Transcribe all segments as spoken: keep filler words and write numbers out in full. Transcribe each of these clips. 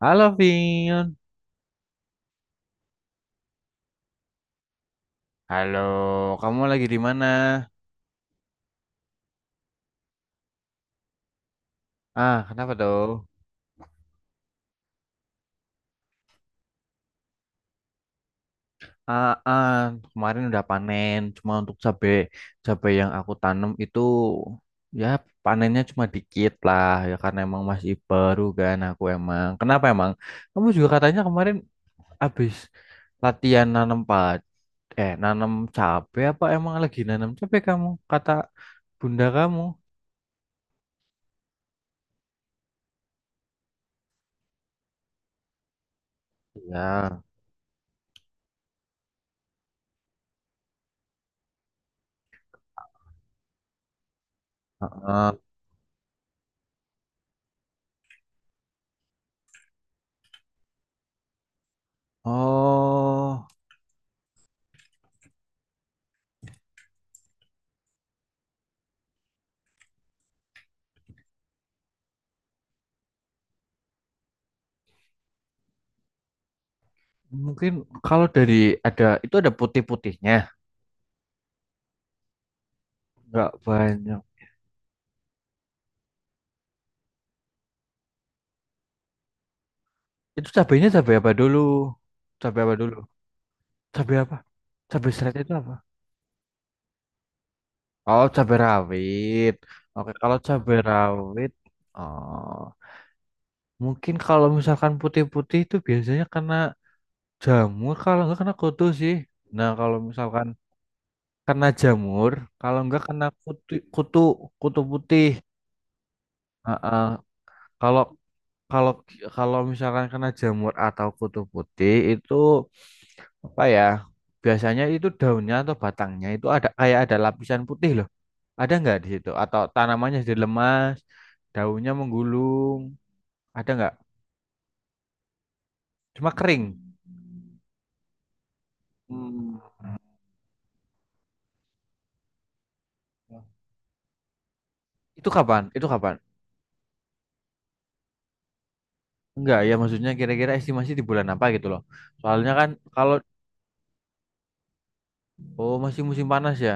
Halo Vin, halo. Kamu lagi di mana? Ah, kenapa tuh? Ah, ah, kemarin udah panen, cuma untuk cabe cabe yang aku tanam itu, ya, panennya cuma dikit lah ya, karena emang masih baru kan aku emang. Kenapa emang? Kamu juga katanya kemarin habis latihan nanam pad eh nanam cabe, apa emang lagi nanam cabe kamu? Kata bunda kamu. Ya. Heeh. Oh. Mungkin kalau dari ada itu ada putih-putihnya, nggak banyak. Itu cabenya cabai apa dulu? Cabai apa dulu? Cabai apa? Cabai seret itu apa? Oh, cabai rawit. Oke, kalau cabai rawit, oh, mungkin kalau misalkan putih-putih itu biasanya kena jamur, kalau nggak kena kutu sih. Nah, kalau misalkan kena jamur, kalau nggak kena kutu, kutu, kutu putih. Heeh. Kalau Kalau kalau misalkan kena jamur atau kutu putih itu, apa ya? Biasanya itu daunnya atau batangnya itu ada kayak ada lapisan putih loh. Ada nggak di situ? Atau tanamannya jadi lemas, daunnya menggulung, ada nggak? Cuma kering. Hmm. Itu kapan? Itu kapan? Enggak, ya maksudnya kira-kira estimasi di bulan apa gitu loh. Soalnya kan kalau oh masih musim panas ya,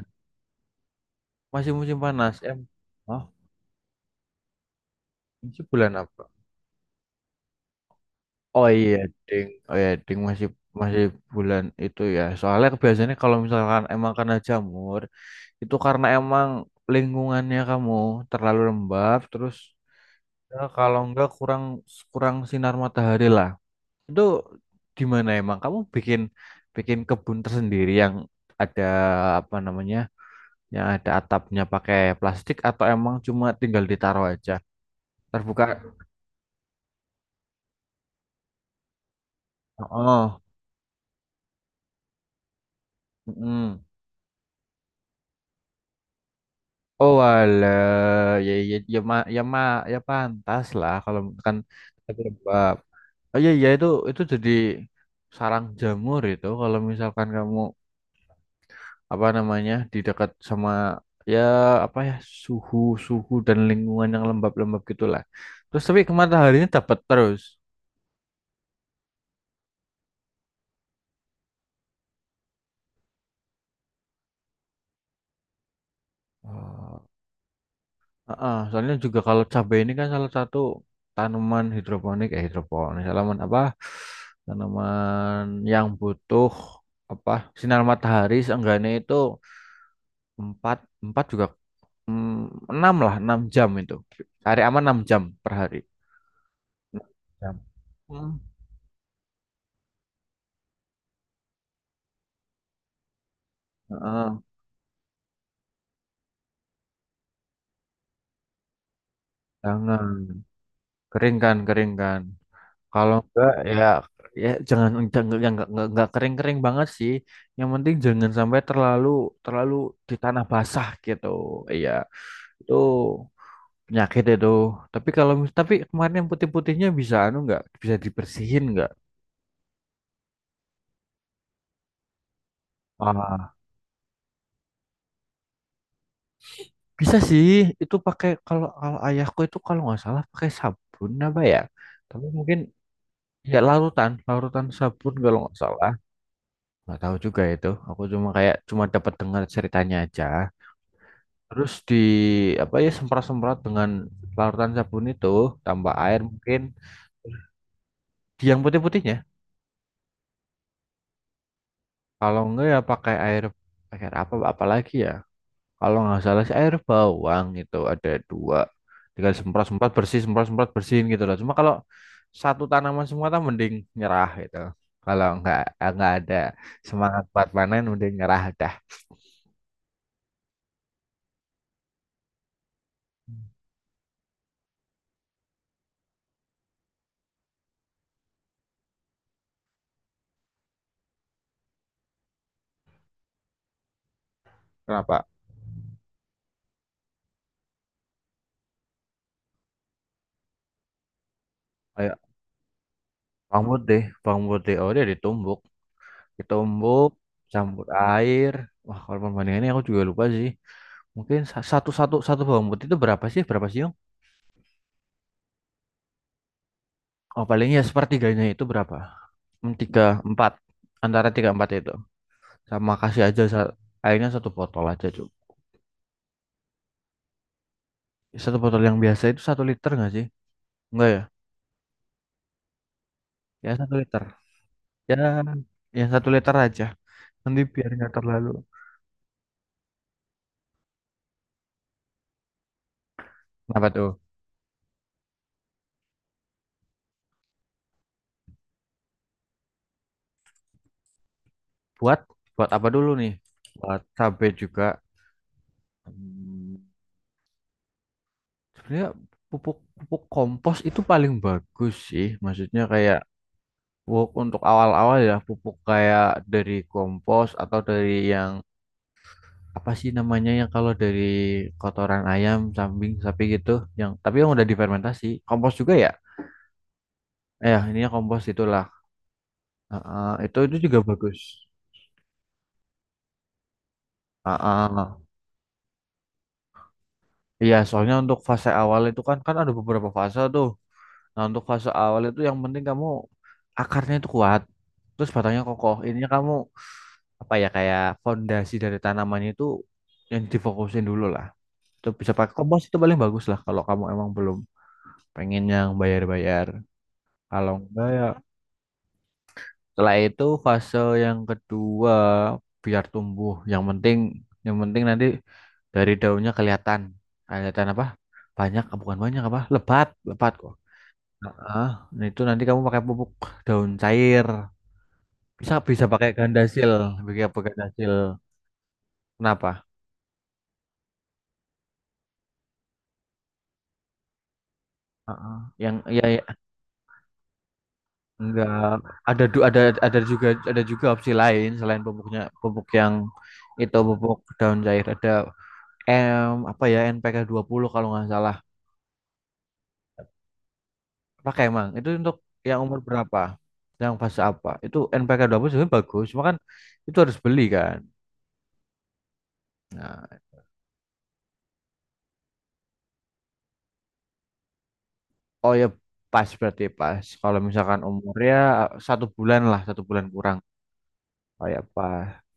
masih musim panas. Em, oh, masih bulan apa? Oh iya, ding. Oh iya, ding, masih masih bulan itu ya. Soalnya biasanya kalau misalkan emang karena jamur, itu karena emang lingkungannya kamu terlalu lembab, terus ya, kalau enggak kurang kurang sinar matahari lah. Itu di mana emang kamu bikin bikin kebun tersendiri yang ada, apa namanya? Yang ada atapnya pakai plastik atau emang cuma tinggal ditaruh aja? Terbuka. Oh. Mm. Oh alah, ya ya ya ma ya ma ya pantas lah kalau kan penyebab. Oh iya iya itu itu jadi sarang jamur itu kalau misalkan kamu, apa namanya, di dekat sama, ya apa ya, suhu suhu dan lingkungan yang lembab-lembab gitulah. Terus tapi ke mataharinya dapat terus. Heeh, soalnya juga kalau cabai ini kan salah satu tanaman hidroponik, eh hidroponik, tanaman apa? Tanaman yang butuh apa? Sinar matahari seenggaknya itu empat empat juga, mm, enam lah, enam jam itu. Hari aman enam jam per hari. enam jam. Hmm. Heeh, jangan kering kan, kering kan. Kalau enggak ya ya jangan jangan- yang enggak enggak enggak kering-kering banget sih. Yang penting jangan sampai terlalu terlalu di tanah basah gitu. Iya, itu penyakit itu. Tapi kalau mis- tapi kemarin yang putih-putihnya bisa anu enggak? Bisa dibersihin enggak? Ah, bisa sih. Itu pakai, kalau kalau ayahku itu kalau nggak salah pakai sabun apa ya? Tapi mungkin ya larutan, larutan sabun kalau nggak salah. Nggak tahu juga itu. Aku cuma kayak cuma dapat dengar ceritanya aja. Terus di apa ya semprot-semprot dengan larutan sabun itu, tambah air mungkin. Di yang putih-putihnya, kalau enggak ya pakai air pakai air apa apalagi ya. Kalau nggak salah sih air bawang itu ada dua. Tinggal semprot-semprot bersih, semprot-semprot bersihin gitu loh. Cuma kalau satu tanaman semua kan mending nyerah gitu. Kalau nggak nggak ada semangat buat panen mending nyerah dah. Kenapa? Kayak bawang putih, bawang putih, oh dia ditumbuk. Ditumbuk campur air. Wah, kalau perbandingannya aku juga lupa sih, mungkin sa- satu, satu satu bawang putih itu berapa sih berapa sih Yong? Oh paling ya sepertiganya itu berapa. Hmm, tiga empat, antara tiga empat itu, sama kasih aja sa- airnya satu botol aja cuk, satu botol yang biasa itu satu liter nggak sih? Enggak ya ya satu liter ya, yang satu liter aja, nanti biar nggak terlalu. Apa tuh buat buat apa dulu nih? Buat cabai juga. Hmm. Sebenarnya pupuk pupuk kompos itu paling bagus sih. Maksudnya kayak pupuk untuk awal-awal ya, pupuk kayak dari kompos atau dari yang apa sih namanya, yang kalau dari kotoran ayam, kambing, sapi gitu, yang tapi yang udah difermentasi. Kompos juga ya? Eh, ininya kompos itulah. Heeh, itu itu juga bagus. Heeh. Iya, soalnya untuk fase awal itu kan kan ada beberapa fase tuh. Nah, untuk fase awal itu yang penting kamu akarnya itu kuat, terus batangnya kokoh. Ininya kamu apa ya, kayak fondasi dari tanamannya itu yang difokusin dulu lah. Itu bisa pakai kompos itu paling bagus lah, kalau kamu emang belum pengen yang bayar-bayar. Kalau enggak ya setelah itu fase yang kedua, biar tumbuh. Yang penting yang penting nanti dari daunnya kelihatan kelihatan apa? Banyak, bukan banyak, apa? Lebat, lebat kok. Heeh. Nah, itu nanti kamu pakai pupuk daun cair. Bisa bisa pakai gandasil, pakai apa gandasil. Kenapa? Heeh. Yang ya, ya. Enggak, ada du- ada, ada juga ada juga opsi lain selain pupuknya pupuk yang itu pupuk daun cair, ada M apa ya N P K puluh kalau nggak salah. Pakai emang itu untuk yang umur berapa? Yang fase apa? Itu N P K puluh sebenarnya bagus, cuma kan itu harus beli kan. Nah, oh ya pas, berarti pas. Kalau misalkan umurnya satu bulan lah, satu bulan kurang. Oh ya pas.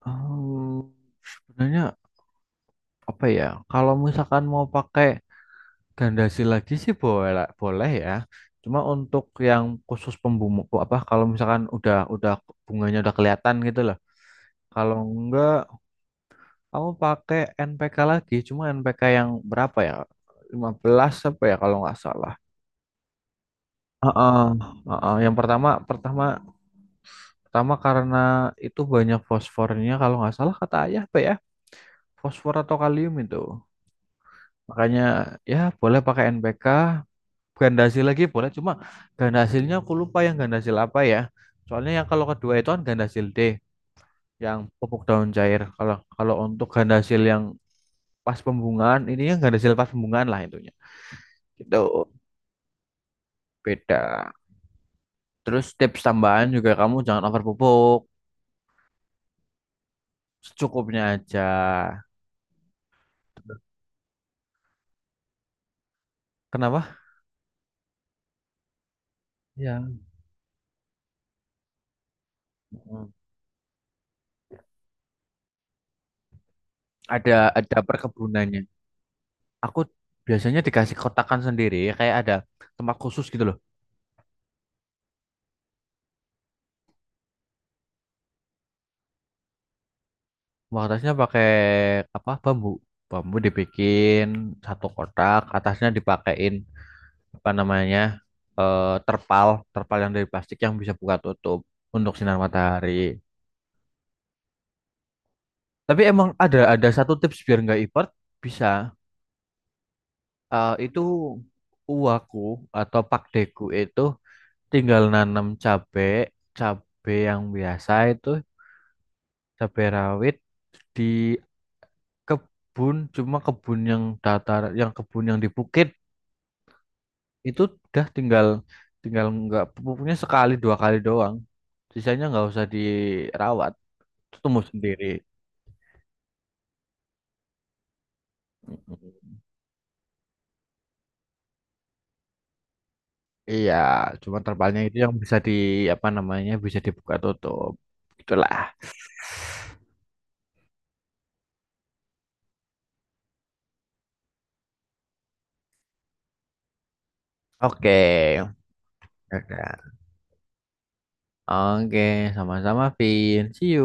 Hmm, sebenarnya apa ya? Kalau misalkan mau pakai Gandasi lagi sih boleh boleh ya. Cuma untuk yang khusus pembumu apa kalau misalkan udah udah bunganya udah kelihatan gitu loh. Kalau enggak aku pakai N P K lagi, cuma N P K yang berapa ya? Lima belas apa ya kalau nggak salah. Heeh, heeh. Yang pertama, pertama pertama karena itu banyak fosfornya kalau nggak salah kata ayah, apa ya? Fosfor atau kalium itu. Makanya ya boleh pakai N P K ganda hasil lagi boleh, cuma ganda hasilnya aku lupa, yang ganda hasil apa ya, soalnya yang kalau kedua itu kan ganda hasil D, yang pupuk daun cair. Kalau kalau untuk ganda hasil yang pas pembungaan, ini yang ganda hasil pas pembungaan lah intinya gitu, beda. Terus tips tambahan juga kamu jangan over pupuk, secukupnya aja. Kenapa ya. Mm. ada ada perkebunannya aku biasanya dikasih kotakan sendiri, kayak ada tempat khusus gitu loh. Atasnya pakai apa, bambu bambu dibikin satu kotak, atasnya dipakein apa namanya, eh, terpal terpal yang dari plastik yang bisa buka tutup untuk sinar matahari. Tapi emang ada ada satu tips biar nggak ipert bisa, eh, itu uwaku atau pakdeku itu tinggal nanam cabe, cabe yang biasa itu, cabe rawit, di kebun, cuma kebun yang datar, yang kebun yang di bukit itu udah tinggal tinggal nggak, pupuknya sekali dua kali doang, sisanya nggak usah dirawat, itu tumbuh sendiri. Mm-mm. Iya, cuma terpalnya itu yang bisa di, apa namanya, bisa dibuka tutup, itulah. Oke. Oke, oke, sama-sama, Vin. See you.